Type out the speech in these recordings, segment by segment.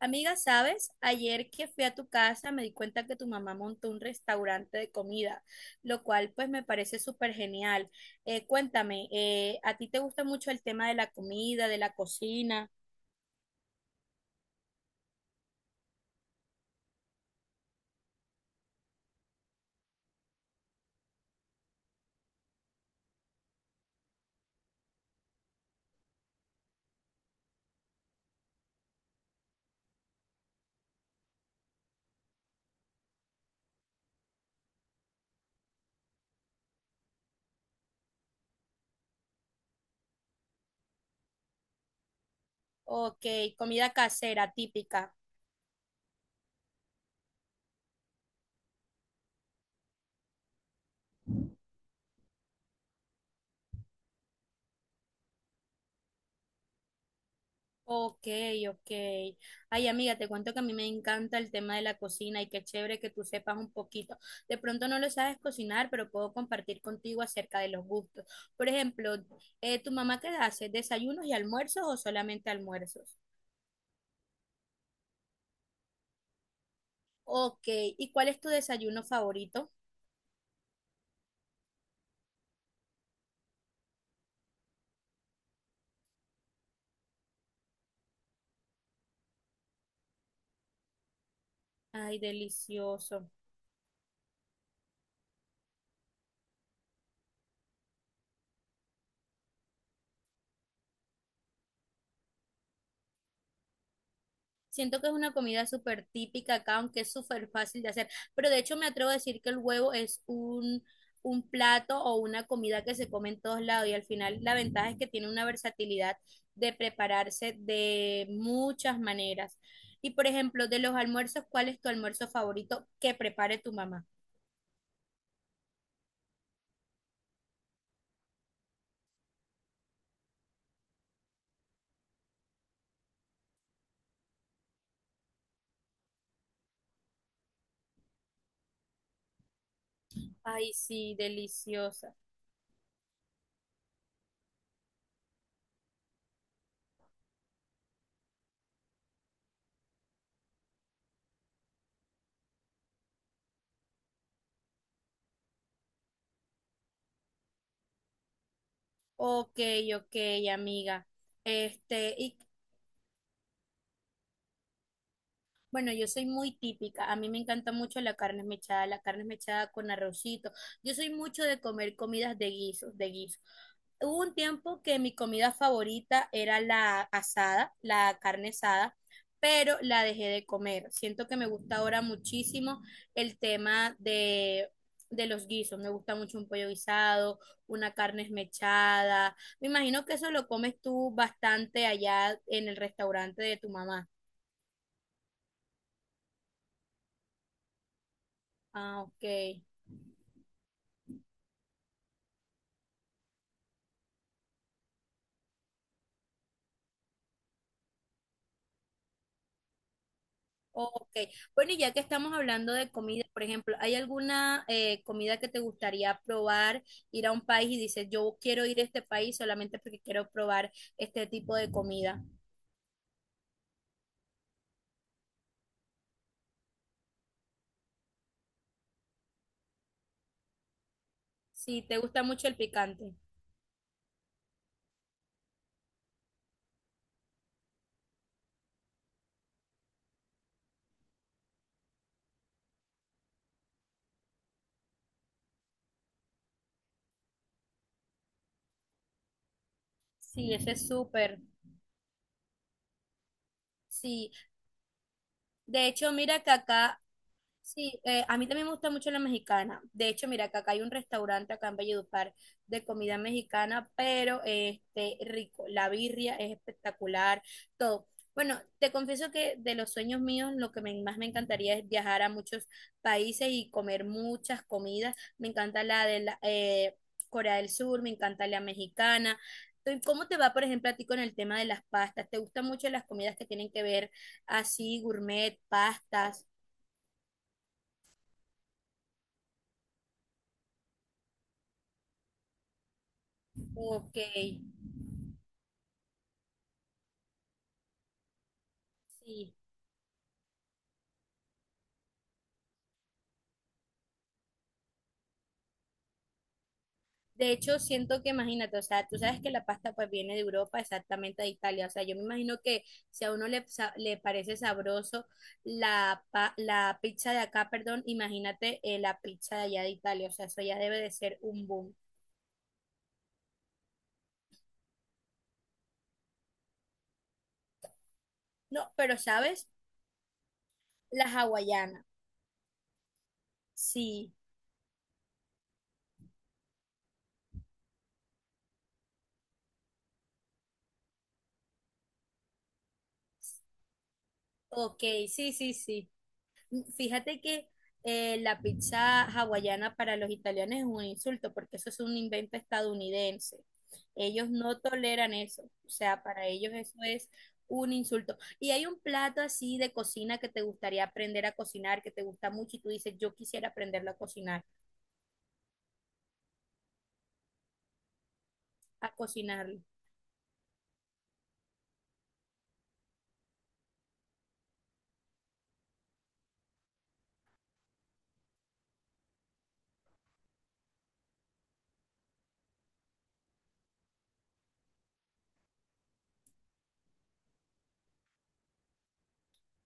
Amiga, ¿sabes? Ayer que fui a tu casa me di cuenta que tu mamá montó un restaurante de comida, lo cual pues me parece súper genial. Cuéntame, ¿a ti te gusta mucho el tema de la comida, de la cocina? Ok, comida casera, típica. Ok, ok. Ay, amiga, te cuento que a mí me encanta el tema de la cocina y qué chévere que tú sepas un poquito. De pronto no lo sabes cocinar, pero puedo compartir contigo acerca de los gustos. Por ejemplo, ¿tu mamá qué hace? ¿Desayunos y almuerzos o solamente almuerzos? Ok, ¿y cuál es tu desayuno favorito? Ay, delicioso. Siento que es una comida súper típica acá, aunque es súper fácil de hacer. Pero de hecho me atrevo a decir que el huevo es un plato o una comida que se come en todos lados y al final la ventaja es que tiene una versatilidad de prepararse de muchas maneras. Y por ejemplo, de los almuerzos, ¿cuál es tu almuerzo favorito que prepare tu mamá? Ay, sí, deliciosa. Ok, ok, amiga. Este, ¿y bueno, yo soy muy típica? A mí me encanta mucho la carne mechada con arrocito. Yo soy mucho de comer comidas de guisos, de guiso. Hubo un tiempo que mi comida favorita era la asada, la carne asada, pero la dejé de comer. Siento que me gusta ahora muchísimo el tema de los guisos. Me gusta mucho un pollo guisado, una carne esmechada. Me imagino que eso lo comes tú bastante allá en el restaurante de tu mamá. Ah, ok. Ok, bueno, y ya que estamos hablando de comida, por ejemplo, ¿hay alguna comida que te gustaría probar, ir a un país y dices, yo quiero ir a este país solamente porque quiero probar este tipo de comida? Sí, ¿te gusta mucho el picante? Sí, ese es súper. Sí, de hecho, mira que acá. Sí, a mí también me gusta mucho la mexicana. De hecho, mira, que acá hay un restaurante acá en Valledupar de comida mexicana, pero este rico. La birria es espectacular, todo. Bueno, te confieso que de los sueños míos, lo que más me encantaría es viajar a muchos países y comer muchas comidas. Me encanta la de la, Corea del Sur, me encanta la mexicana. Entonces, ¿cómo te va, por ejemplo, a ti con el tema de las pastas? ¿Te gustan mucho las comidas que tienen que ver así, gourmet, pastas? Ok, sí. De hecho, siento que imagínate, o sea, tú sabes que la pasta pues viene de Europa, exactamente de Italia. O sea, yo me imagino que si a uno le parece sabroso la pizza de acá, perdón, imagínate la pizza de allá de Italia. O sea, eso ya debe de ser un boom. No, pero ¿sabes? La hawaiana. Sí, ok, sí, sí, sí. Fíjate que la pizza hawaiana para los italianos es un insulto porque eso es un invento estadounidense. Ellos no toleran eso. O sea, para ellos eso es un insulto. Y hay un plato así de cocina que te gustaría aprender a cocinar, que te gusta mucho y tú dices, yo quisiera aprenderlo a cocinar, a cocinarlo.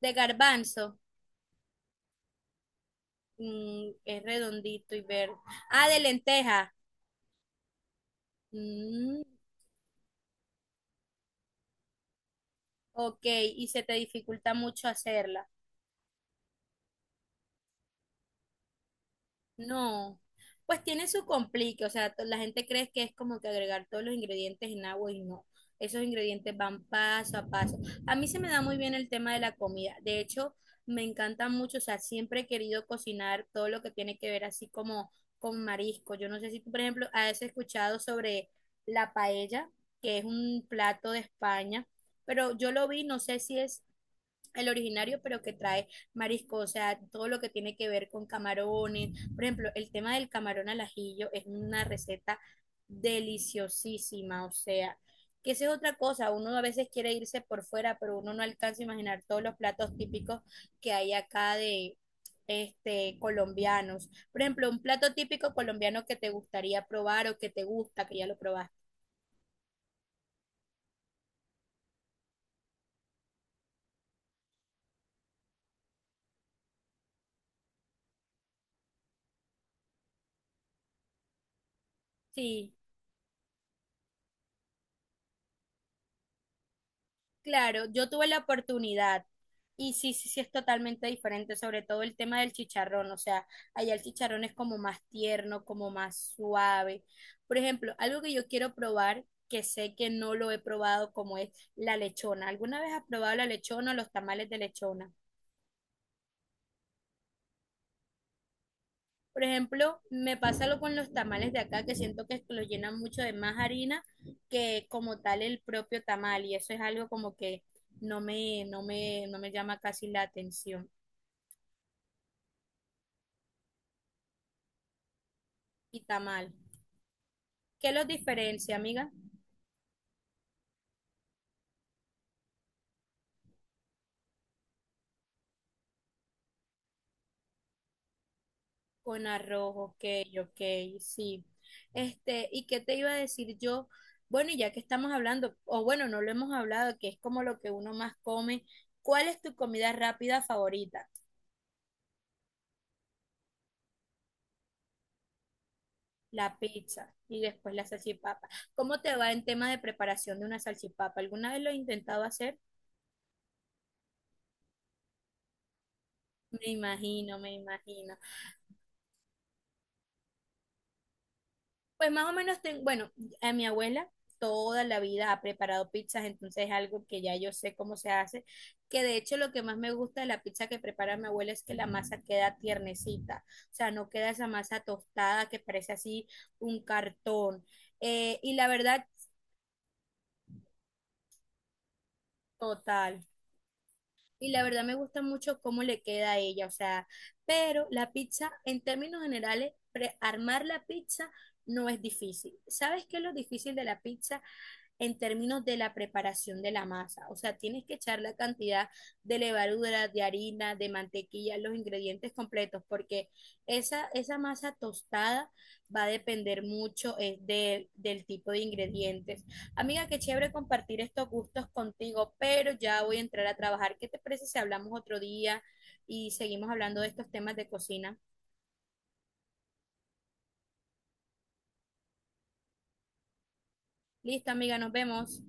De garbanzo, mm, es redondito y verde. Ah, de lenteja. Mm, ok, y se te dificulta mucho hacerla. No, pues tiene su complique, o sea, la gente cree que es como que agregar todos los ingredientes en agua y no, esos ingredientes van paso a paso. A mí se me da muy bien el tema de la comida, de hecho, me encanta mucho, o sea, siempre he querido cocinar todo lo que tiene que ver así como con marisco. Yo no sé si tú, por ejemplo, has escuchado sobre la paella, que es un plato de España, pero yo lo vi, no sé si es el originario, pero que trae marisco, o sea, todo lo que tiene que ver con camarones. Por ejemplo, el tema del camarón al ajillo es una receta deliciosísima, o sea, que esa es otra cosa, uno a veces quiere irse por fuera, pero uno no alcanza a imaginar todos los platos típicos que hay acá de este colombianos. Por ejemplo, un plato típico colombiano que te gustaría probar o que te gusta, que ya lo probaste. Sí. Claro, yo tuve la oportunidad y sí, sí, sí es totalmente diferente, sobre todo el tema del chicharrón, o sea, allá el chicharrón es como más tierno, como más suave. Por ejemplo, algo que yo quiero probar, que sé que no lo he probado, como es la lechona. ¿Alguna vez has probado la lechona o los tamales de lechona? Por ejemplo, me pasa lo con los tamales de acá, que siento que los llenan mucho de más harina que como tal el propio tamal, y eso es algo como que no me llama casi la atención. Y tamal. ¿Qué los diferencia, amiga? Con arroz, ok, ok, sí. Este, ¿y qué te iba a decir yo? Bueno, y ya que estamos hablando, o bueno, no lo hemos hablado, que es como lo que uno más come, ¿cuál es tu comida rápida favorita? La pizza y después la salchipapa. ¿Cómo te va en tema de preparación de una salchipapa? ¿Alguna vez lo has intentado hacer? Me imagino, me imagino. Pues más o menos, bueno, a mi abuela toda la vida ha preparado pizzas, entonces es algo que ya yo sé cómo se hace, que de hecho lo que más me gusta de la pizza que prepara mi abuela es que la masa queda tiernecita, o sea, no queda esa masa tostada que parece así un cartón. Y la verdad, total. Y la verdad me gusta mucho cómo le queda a ella, o sea, pero la pizza, en términos generales, armar la pizza no es difícil. ¿Sabes qué es lo difícil de la pizza? En términos de la preparación de la masa. O sea, tienes que echar la cantidad de levadura, de harina, de mantequilla, los ingredientes completos, porque esa masa tostada va a depender mucho del tipo de ingredientes. Amiga, qué chévere compartir estos gustos contigo, pero ya voy a entrar a trabajar. ¿Qué te parece si hablamos otro día y seguimos hablando de estos temas de cocina? Listo, amiga, nos vemos.